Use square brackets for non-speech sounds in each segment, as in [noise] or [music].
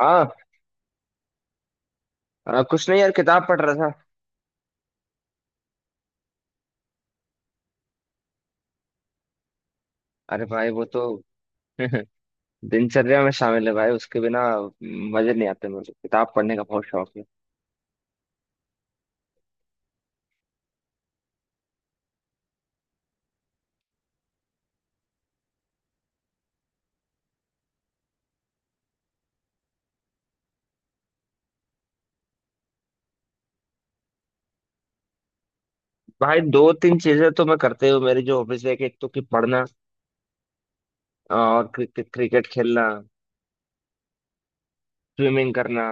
हाँ। कुछ नहीं यार, किताब पढ़ रहा था। अरे भाई वो तो [laughs] दिनचर्या में शामिल है भाई, उसके बिना मजे नहीं आते। मुझे किताब पढ़ने का बहुत शौक है। भाई दो तीन चीजें तो मैं करते हुए, मेरी जो हॉबीज है कि एक तो कि पढ़ना, और क्रिकेट क्रिकेट खेलना, स्विमिंग करना।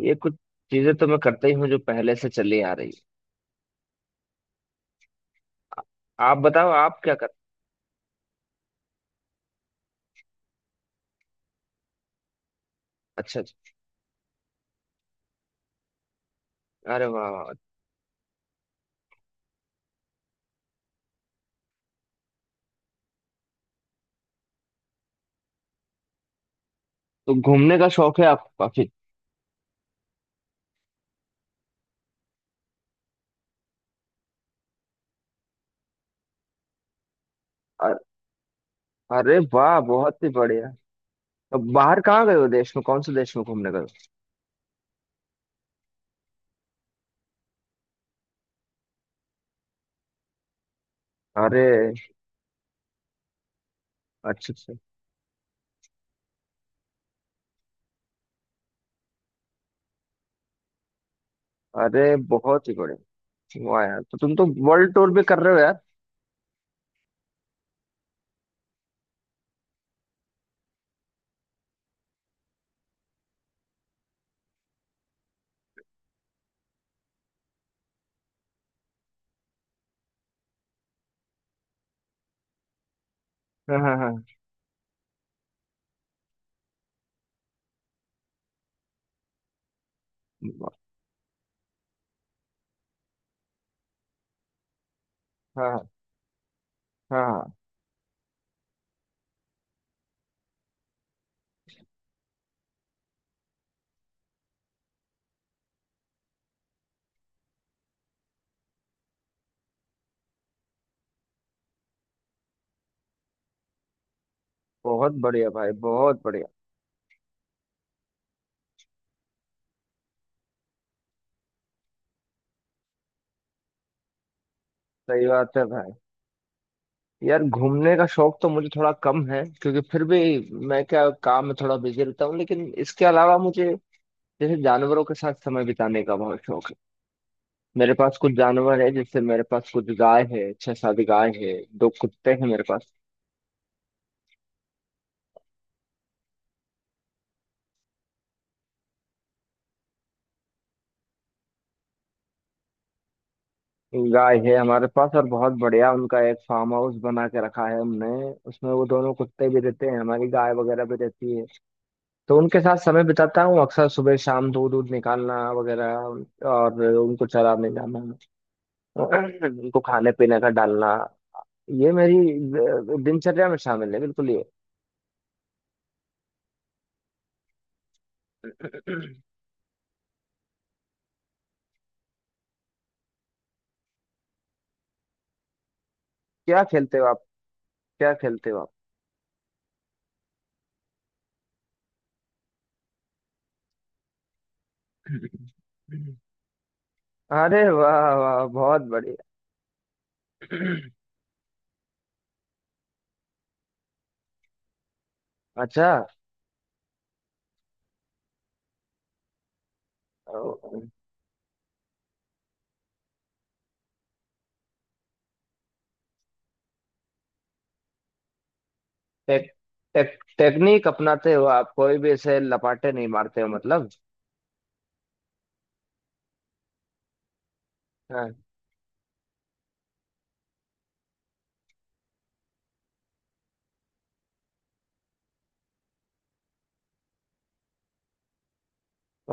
ये कुछ चीजें तो मैं करता ही हूँ जो पहले से चली आ रही है। आप बताओ आप क्या कर। अच्छा अच्छा। अरे वाह वाह। तो घूमने का शौक है आपको काफी। अ- अरे वाह बहुत ही बढ़िया। तो बाहर कहाँ गए हो, देश में कौन से देश में घूमने गए हो। अरे अच्छा अच्छा। अरे बहुत ही बढ़िया। वाह यार, तो तुम तो वर्ल्ड टूर भी कर रहे हो यार। हाँ हाँ हाँ। हाँ हाँ हाँ। बहुत बढ़िया भाई, बहुत बढ़िया। सही बात है भाई। यार घूमने का शौक तो मुझे थोड़ा कम है, क्योंकि फिर भी मैं क्या काम में थोड़ा बिजी रहता हूँ। लेकिन इसके अलावा मुझे जैसे जानवरों के साथ समय बिताने का बहुत शौक है। मेरे पास कुछ जानवर है, जैसे मेरे पास कुछ गाय है, छह सात गाय है, दो कुत्ते हैं मेरे पास। गाय है हमारे पास और बहुत बढ़िया, उनका एक फार्म हाउस बना के रखा है हमने। उसमें वो दोनों कुत्ते भी रहते हैं, हमारी गाय वगैरह भी रहती है। तो उनके साथ समय बिताता हूँ अक्सर सुबह शाम, दूध दूध निकालना वगैरह, और उनको चराने जाना, उनको खाने पीने का डालना। ये मेरी दिनचर्या में शामिल है बिल्कुल ये। क्या खेलते हो आप? क्या खेलते हो आप? [laughs] अरे वाह वाह, बहुत बढ़िया। अच्छा। टेक, टेक, टेक्निक अपनाते हो आप, कोई भी ऐसे लपाटे नहीं मारते हो मतलब। हाँ।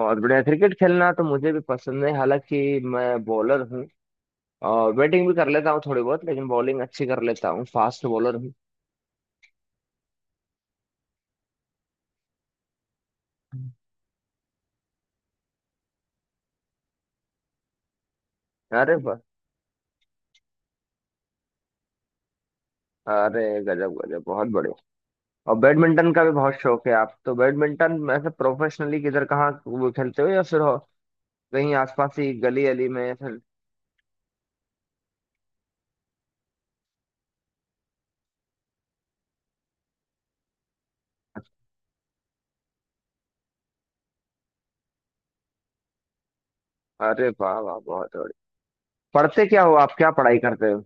और बढ़िया, क्रिकेट खेलना तो मुझे भी पसंद है, हालांकि मैं बॉलर हूँ। और बैटिंग भी कर लेता हूँ थोड़ी बहुत, लेकिन बॉलिंग अच्छी कर लेता हूँ, फास्ट बॉलर हूँ। अरे वाह, अरे गजब गजब, बहुत बढ़िया। और बैडमिंटन का भी बहुत शौक है आप तो? बैडमिंटन ऐसे प्रोफेशनली किधर कहाँ वो खेलते हो या फिर हो कहीं आसपास ही गली अली में या फिर? अरे वाह वाह, बहुत बढ़िया। पढ़ते क्या हो आप, क्या पढ़ाई करते हो?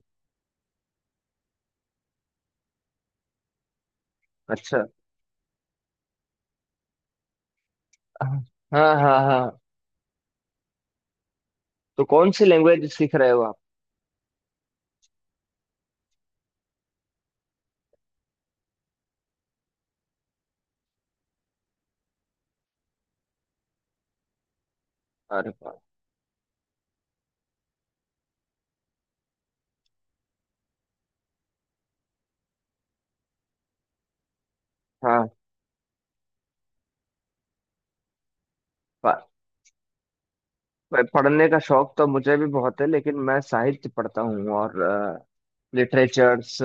अच्छा। हाँ हाँ हाँ। तो कौन सी लैंग्वेज सीख रहे हो आप? अरे वाह। हाँ। प- पढ़ने का शौक तो मुझे भी बहुत है, लेकिन मैं साहित्य पढ़ता हूँ और लिटरेचर्स,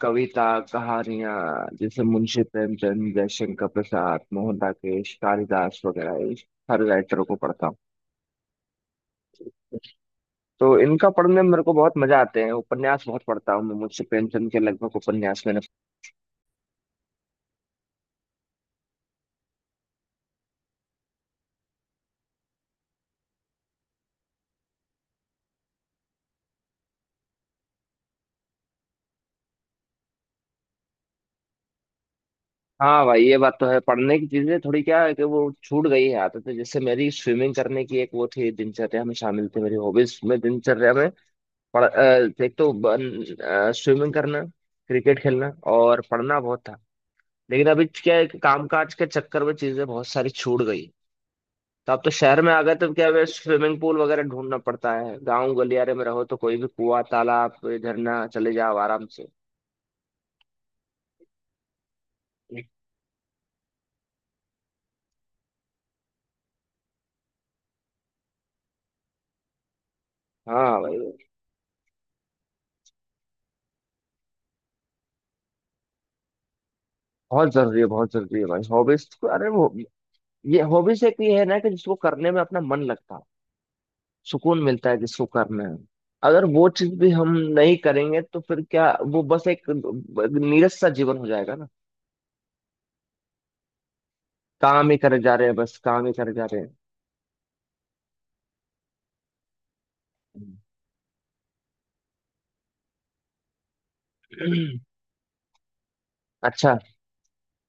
कविता, कहानियाँ। जैसे मुंशी प्रेमचंद, जयशंकर प्रसाद, मोहन राकेश, कालिदास वगैरह, इस हर राइटर को पढ़ता हूँ। तो इनका पढ़ने में मेरे को बहुत मजा आते हैं। उपन्यास बहुत पढ़ता हूँ मैं, मुंशी प्रेमचंद के लगभग उपन्यास मैंने। हाँ भाई, ये बात तो है, पढ़ने की चीजें थोड़ी क्या है कि वो छूट गई है आदत है। जैसे मेरी स्विमिंग करने की एक वो थी, दिनचर्या में शामिल थी, मेरी हॉबीज में दिनचर्या में। एक तो स्विमिंग करना, क्रिकेट खेलना और पढ़ना बहुत था। लेकिन अभी क्या है कि कामकाज के चक्कर में चीजें बहुत सारी छूट गई। तो आप तो शहर में आ गए, तो क्या हमें स्विमिंग पूल वगैरह ढूंढना पड़ता है। गाँव गलियारे में रहो तो कोई भी कुआं, तालाब, कोई झरना चले जाओ आराम से। हाँ भाई। बहुत जरूरी है, बहुत जरूरी है भाई हॉबीज। अरे वो, ये हॉबीज एक ये है ना कि जिसको करने में अपना मन लगता है, सुकून मिलता है जिसको करने में। अगर वो चीज भी हम नहीं करेंगे तो फिर क्या, वो बस एक नीरस सा जीवन हो जाएगा ना। काम ही करे जा रहे हैं, बस काम ही करे जा रहे हैं। [clears throat] अच्छा।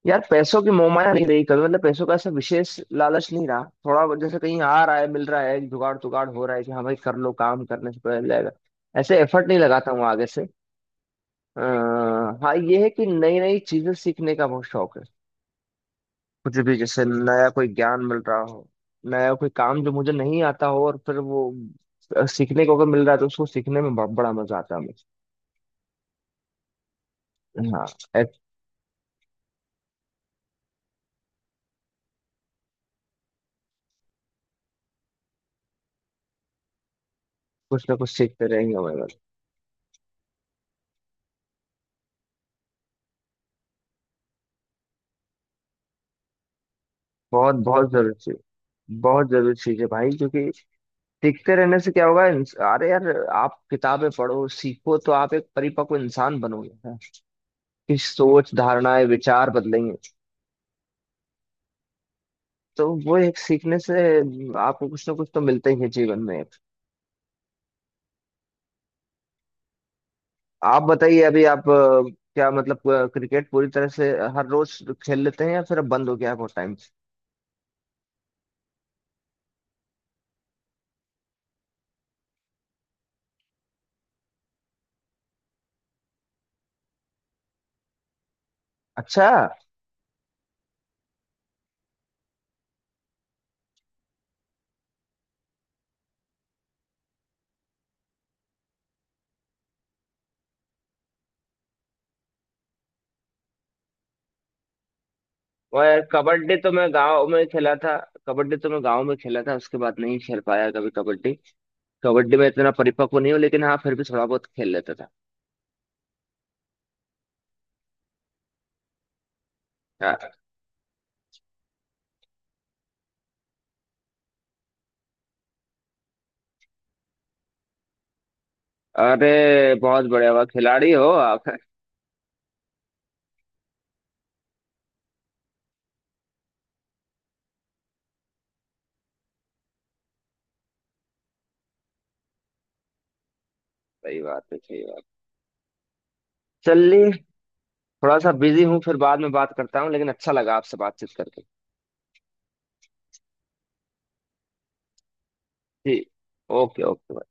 यार पैसों की मोहमाया नहीं रही कभी, मतलब पैसों का ऐसा विशेष लालच नहीं रहा। थोड़ा बहुत जैसे कहीं आ रहा है, मिल रहा है, जुगाड़ तुगाड़ हो रहा है कि हाँ भाई कर लो, काम करने से पहले जाएगा। ऐसे एफर्ट नहीं लगाता हूँ आगे से। आ, हाँ ये है कि नई नई चीजें सीखने का बहुत शौक है। कुछ भी जैसे नया कोई ज्ञान मिल रहा हो, नया कोई काम जो मुझे नहीं आता हो और फिर वो सीखने को अगर मिल रहा है तो उसको सीखने में बड़ा मजा आता है मुझे। हाँ। एक- कुछ ना कुछ सीखते रहेंगे हमारे पास। बहुत बहुत जरूरी चीज, बहुत जरूरी चीज है भाई। क्योंकि सीखते रहने से क्या होगा अरे यार, आप किताबें पढ़ो सीखो तो आप एक परिपक्व इंसान बनोगे हाँ। कि सोच, धारणाएं, विचार बदलेंगे। तो वो एक सीखने से आपको कुछ ना कुछ तो मिलता ही है जीवन में। आप बताइए, अभी आप क्या मतलब क्रिकेट पूरी तरह से हर रोज खेल लेते हैं या फिर अब बंद हो गया है बहुत टाइम से? अच्छा। और कबड्डी तो मैं गांव में खेला था। कबड्डी तो मैं गांव में खेला था, उसके बाद नहीं खेल पाया कभी कबड्डी। कबड्डी में इतना परिपक्व नहीं हूँ, लेकिन हाँ फिर भी थोड़ा बहुत खेल लेता था। हाँ। अरे बहुत बढ़िया, हुआ खिलाड़ी हो आप। [laughs] सही बात है, सही बात। चलिए, थोड़ा सा बिजी हूँ, फिर बाद में बात करता हूँ, लेकिन अच्छा लगा आपसे बातचीत करके। जी। Okay okay.